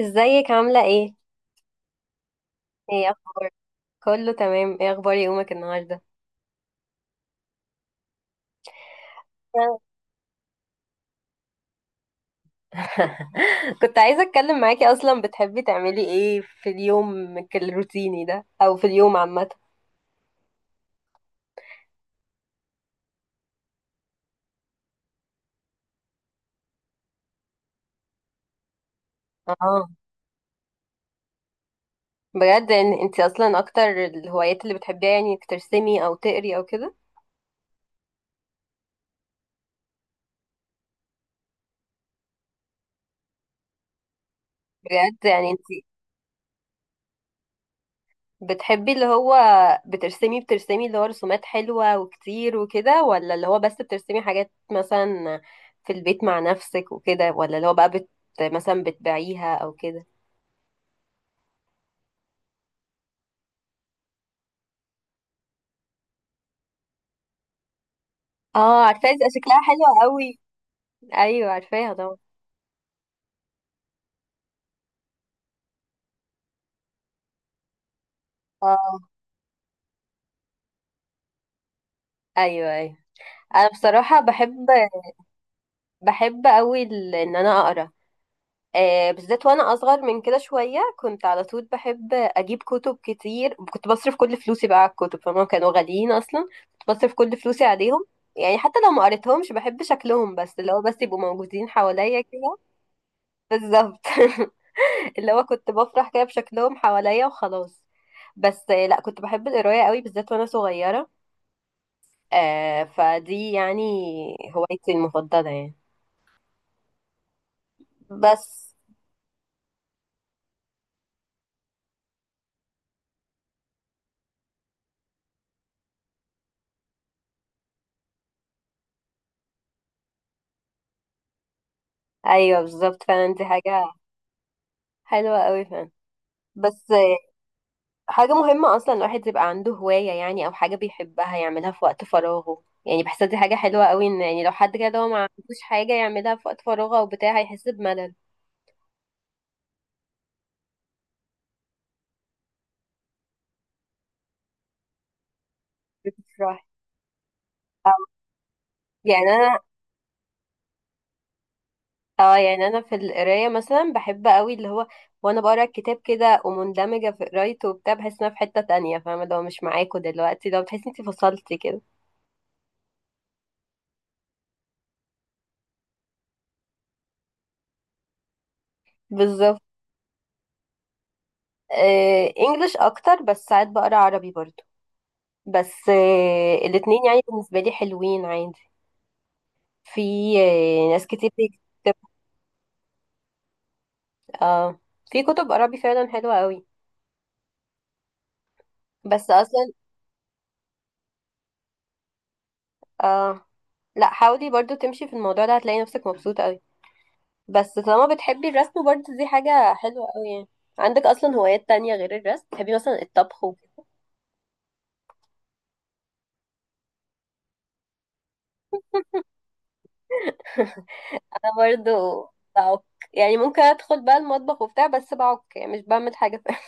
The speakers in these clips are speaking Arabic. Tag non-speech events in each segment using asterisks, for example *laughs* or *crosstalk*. ازيك عاملة ايه؟ ايه اخبارك؟ كله تمام. ايه اخبار يومك النهاردة؟ *laughs* كنت عايزة اتكلم معاكي. اصلا بتحبي تعملي ايه في اليوم الروتيني ده او في اليوم عامة؟ اه، بجد ان انت اصلا اكتر الهوايات اللي بتحبيها يعني انك ترسمي او تقري او كده؟ بجد؟ يعني انت بتحبي اللي هو بترسمي اللي هو رسومات حلوة وكتير وكده، ولا اللي هو بس بترسمي حاجات مثلا في البيت مع نفسك وكده، ولا اللي هو بقى مثلا بتبيعيها او كده؟ اه، عارفاها، دي شكلها حلو قوي. ايوه عارفاها طبعا. اه. ايوه ايوه. انا بصراحة بحب قوي ان انا اقرا. بالذات وانا اصغر من كده شويه كنت على طول بحب اجيب كتب كتير، كنت بصرف كل فلوسي بقى على الكتب، فهم كانوا غاليين اصلا، كنت بصرف كل فلوسي عليهم. يعني حتى لو ما قريتهمش بحب شكلهم، بس اللي هو بس يبقوا موجودين حواليا كده. بالظبط. *laughs* اللي هو كنت بفرح كده بشكلهم حواليا وخلاص. بس لا، كنت بحب القرايه قوي بالذات وانا صغيره. فدي يعني هوايتي المفضله يعني. بس. ايوه بالظبط فعلا، دي حاجه حلوه قوي فعلا. بس حاجة مهمة أصلا الواحد يبقى عنده هواية، يعني أو حاجة بيحبها يعملها في وقت فراغه. يعني بحسها دي حاجة حلوة قوي، إن يعني لو حد كده هو ما عندوش حاجة يعملها في وقت فراغه أو بتاع، هيحس بملل. بتفرح. أو يعني أنا. اه يعني أنا في القراية مثلا بحب قوي اللي هو وأنا بقرا الكتاب كده ومندمجة في قرايته وبتاع بحس إن أنا في حتة تانية. فاهمة لو مش معاكوا دلوقتي، لو بتحسي إنتي فصلتي كده. بالظبط. انجلش أكتر، بس ساعات بقرا عربي برضه. بس الاتنين يعني بالنسبة لي حلوين عادي. في ناس كتير بتكتب. اه، في كتب عربي فعلا حلوة قوي. بس اصلا. اه، لا حاولي برضو تمشي في الموضوع ده، هتلاقي نفسك مبسوطة قوي. بس طالما بتحبي الرسم برضو دي حاجة حلوة قوي يعني. عندك اصلا هوايات تانية غير الرسم؟ بتحبي مثلا الطبخ وكده؟ *laughs* انا برضو بعك. يعني ممكن ادخل بقى المطبخ وبتاع، بس بعك يعني، مش بعمل حاجة. *laughs*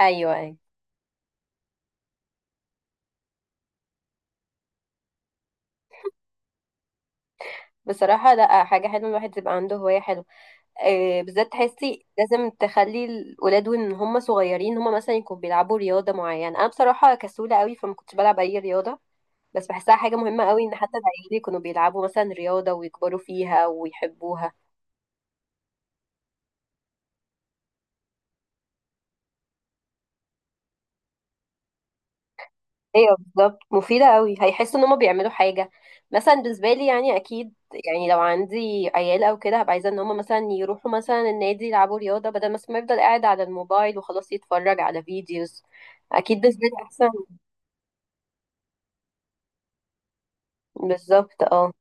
ايوه، أيوة. بصراحة لا، حاجة حلوة الواحد يبقى عنده هواية حلوة. بالذات تحسي لازم تخلي الولاد وان هم صغيرين، هم مثلا يكونوا بيلعبوا رياضه معينه. انا بصراحه كسوله قوي فما كنتش بلعب اي رياضه، بس بحسها حاجه مهمه قوي ان حتى العيال يكونوا بيلعبوا مثلا رياضه ويكبروا فيها ويحبوها. ايوه بالظبط، مفيده قوي، هيحسوا ان هم بيعملوا حاجه. مثلا بالنسبه لي يعني اكيد. يعني لو عندي عيال او كده، هبقى عايزه ان هم مثلا يروحوا مثلا النادي يلعبوا رياضه، بدل مثلا ما يفضل قاعد على الموبايل وخلاص يتفرج على فيديوز. اكيد بالنسبه لي احسن. بالظبط اه.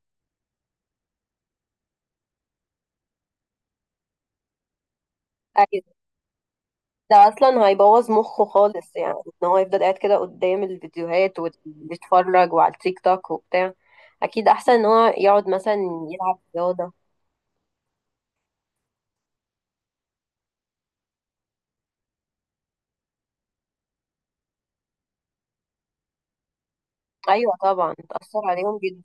ده اصلا هيبوظ مخه خالص، يعني ان هو يفضل قاعد كده قدام الفيديوهات ويتفرج وعلى التيك توك وبتاع. اكيد احسن ان هو يقعد مثلا يلعب رياضه. ايوه طبعا، تاثر عليهم جدا.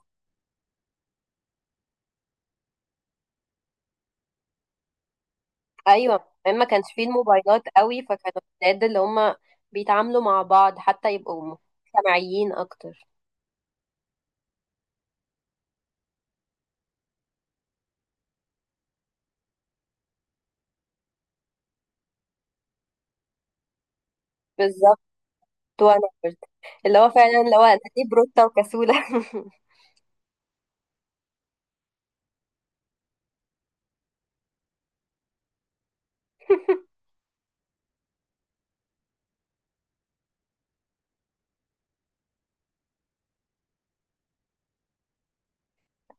ايوه كمان ما كانش فيه الموبايلات قوي، فكانوا الولاد اللي هم بيتعاملوا مع بعض حتى يبقوا مجتمعيين اكتر. بالظبط. وانا برضه. اللي هو فعلا اللي هو انا ليه بروتة وكسولة. *laughs*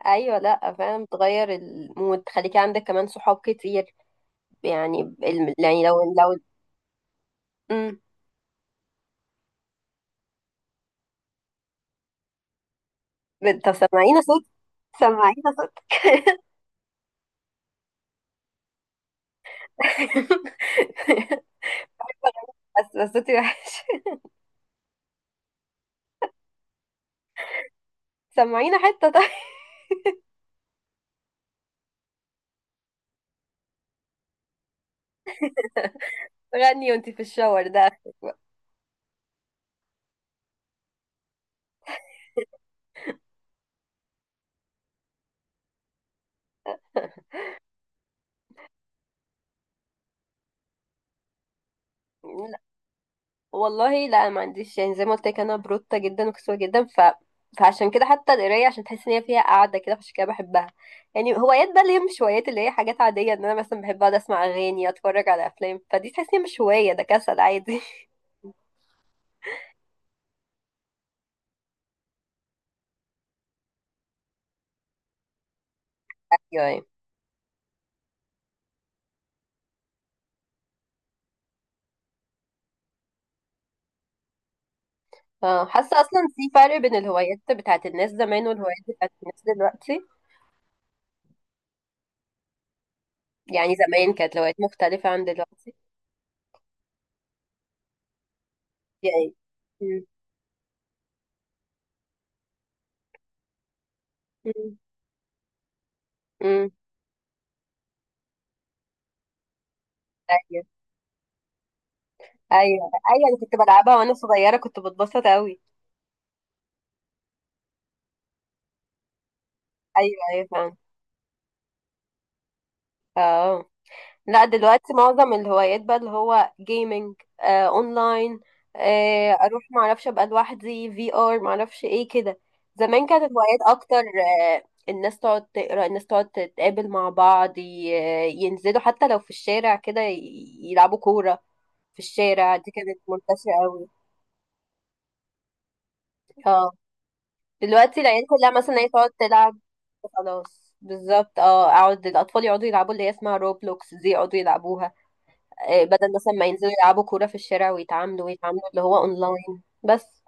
ايوه، لا فعلا بتغير المود، تخليكي عندك كمان صحاب كتير. يعني ال- يعني لو لو. مم. طب سمعينا صوت. سمعينا صوتك. *laughs* بس بس صوتي وحش. سمعينا حتة طيب. غني وانتي في الشاور ده، *laughs* اخرك بقى. لا والله لا، ما عنديش. يعني زي ما قلت لك، انا بروتة جدا وكسوة جدا. فعشان كده حتى القراية، عشان تحس ان هي فيها قعدة كده، فعشان كده بحبها. يعني هوايات بقى اللي هي مش هوايات، اللي هي حاجات عادية، ان انا مثلا بحب اقعد اسمع اغاني، اتفرج على افلام، فدي تحس ان هي مش هواية، ده كسل عادي. *laughs* اه، حاسه اصلا في فرق بين الهوايات بتاعت الناس زمان والهوايات بتاعت الناس دلوقتي. يعني زمان كانت الهوايات مختلفه عن دلوقتي. يعني امم امم امم ايوه ايوه ايوه. انا كنت بلعبها وانا صغيره كنت بتبسط قوي. ايوه ايوه فاهم. اه، لا دلوقتي معظم الهوايات بقى اللي هو جيمنج. آه اونلاين. آه، اروح معرفش ابقى لوحدي في ار معرفش ايه كده. زمان كانت الهوايات اكتر. آه، الناس تقعد تقرا، الناس تقعد تتقابل مع بعض. ينزلوا حتى لو في الشارع كده يلعبوا كورة في الشارع، دي كانت منتشرة قوي. اه، دلوقتي العيال كلها مثلا هي تقعد تلعب. خلاص بالظبط، اه اقعد الاطفال يقعدوا يلعبوا اللي هي اسمها روبلوكس، دي يقعدوا يلعبوها. بدل مثلا ما ينزلوا يلعبوا كورة في الشارع ويتعاملوا، ويتعاملوا اللي هو اونلاين بس.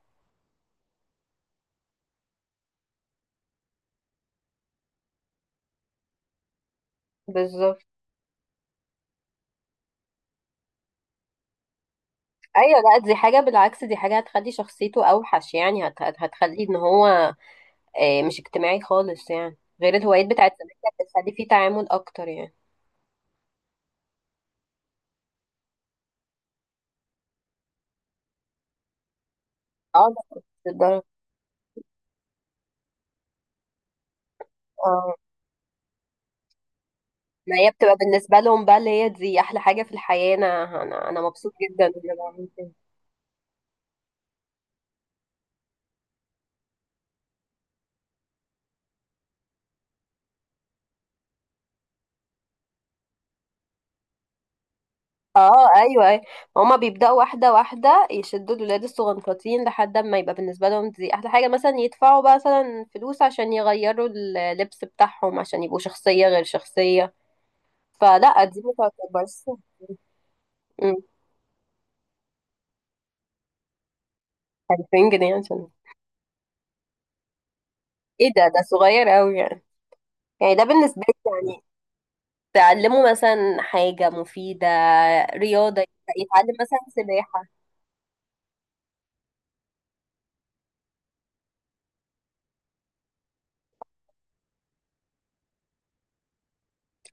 بالظبط. ايوه لا، دي حاجة بالعكس، دي حاجة هتخلي شخصيته اوحش يعني. هتخلي ان هو مش اجتماعي خالص يعني. غير الهوايات بتاعت زمان كانت بتخلي فيه تعامل اكتر يعني. اه لا مش للدرجة. اه، ما هي بتبقى بالنسبة لهم بقى اللي هي دي احلى حاجة في الحياة، انا أنا مبسوط جدا ان انا بعمل كده. اه ايوه ايوه. هما بيبداوا واحده واحده يشدوا الولاد الصغنطاطين لحد ما يبقى بالنسبه لهم دي احلى حاجه، مثلا يدفعوا بقى مثلا فلوس عشان يغيروا اللبس بتاعهم عشان يبقوا شخصيه غير شخصيه. فلا دي ما تعتبرش. أمم، 2000 جنيه عشان ايه ده؟ ده صغير قوي يعني. يعني ده بالنسبه لي يعني، تعلموا مثلا حاجه مفيده، رياضه، يتعلم مثلا سباحه.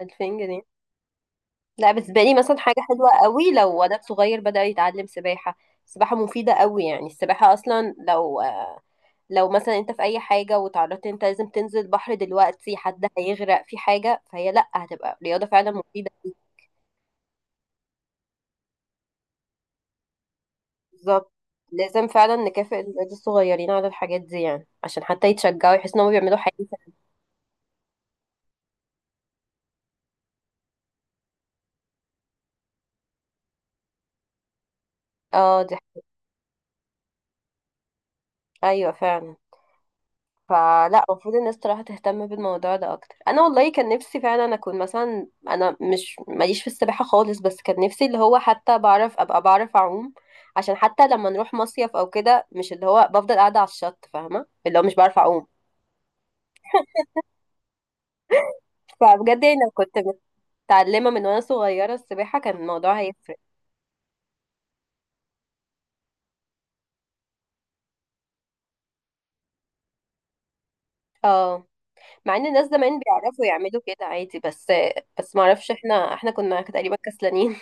2000 جنيه! لا بالنسبة لي مثلا حاجة حلوة قوي لو ولد صغير بدأ يتعلم سباحة. السباحة مفيدة قوي يعني، السباحة أصلا لو لو مثلا أنت في أي حاجة وتعرضت أنت لازم تنزل بحر دلوقتي، حد هيغرق في حاجة، فهي لأ، هتبقى رياضة فعلا مفيدة ليك. بالظبط، لازم فعلا نكافئ الولاد الصغيرين على الحاجات دي يعني، عشان حتى يتشجعوا، يحسوا إنهم بيعملوا حاجة. اه، دي حاجة. أيوة فعلا. فلا المفروض الناس صراحة تهتم بالموضوع ده اكتر. انا والله كان نفسي فعلا اكون مثلا، انا مش ماليش في السباحة خالص، بس كان نفسي اللي هو حتى بعرف، ابقى بعرف اعوم، عشان حتى لما نروح مصيف او كده مش اللي هو بفضل قاعدة على الشط. فاهمة اللي هو مش بعرف اعوم. فبجد يعني لو كنت متعلمة من وانا صغيرة السباحة كان الموضوع هيفرق. اه، مع ان الناس زمان بيعرفوا يعملوا كده عادي، بس. بس معرفش، احنا كنا تقريبا كسلانين.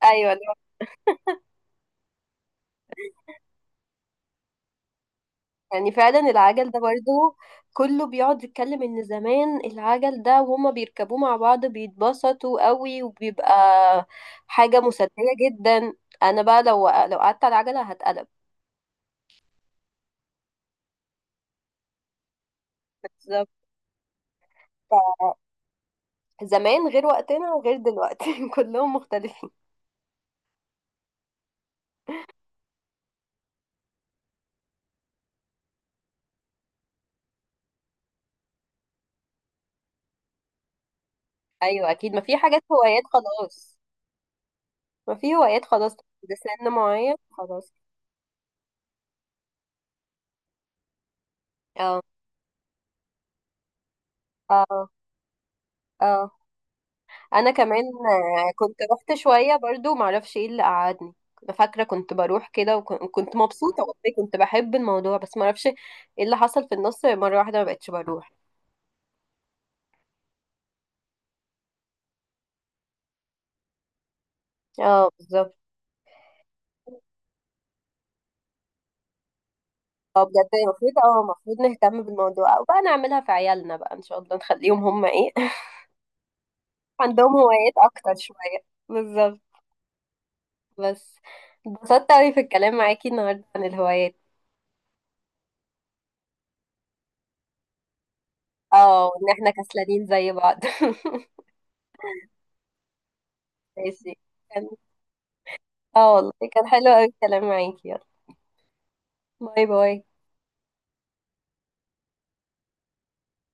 *laughs* ايوه، يعني فعلا العجل ده برضه، كله بيقعد يتكلم ان زمان العجل ده وهما بيركبوه مع بعض بيتبسطوا قوي، وبيبقى حاجة مسلية جدا. انا بقى لو قعدت على العجلة هتقلب. بالظبط. زمان غير وقتنا وغير دلوقتي، *laughs* كلهم مختلفين. ايوه اكيد، ما في حاجات هوايات خلاص. ما في هوايات خلاص. ده سن معين خلاص. اه اه اه. انا كمان كنت رحت شويه برضو، معرفش ايه اللي قعدني. كنت فاكره كنت بروح كده وكنت مبسوطه، والله كنت بحب الموضوع، بس معرفش ايه اللي حصل في النص مره واحده ما بقتش بروح. اه بالظبط. اه، بجد المفروض، المفروض نهتم بالموضوع، او بقى نعملها في عيالنا، بقى ان شاء الله نخليهم هم ايه، *laughs* عندهم هوايات اكتر شويه. بالظبط. بس، اتبسطت اوي في الكلام معاكي النهارده عن الهوايات. اه، وان احنا كسلانين زي بعض. *laughs* ماشي. اه والله كان حلو قوي الكلام معاكي، يلا باي باي.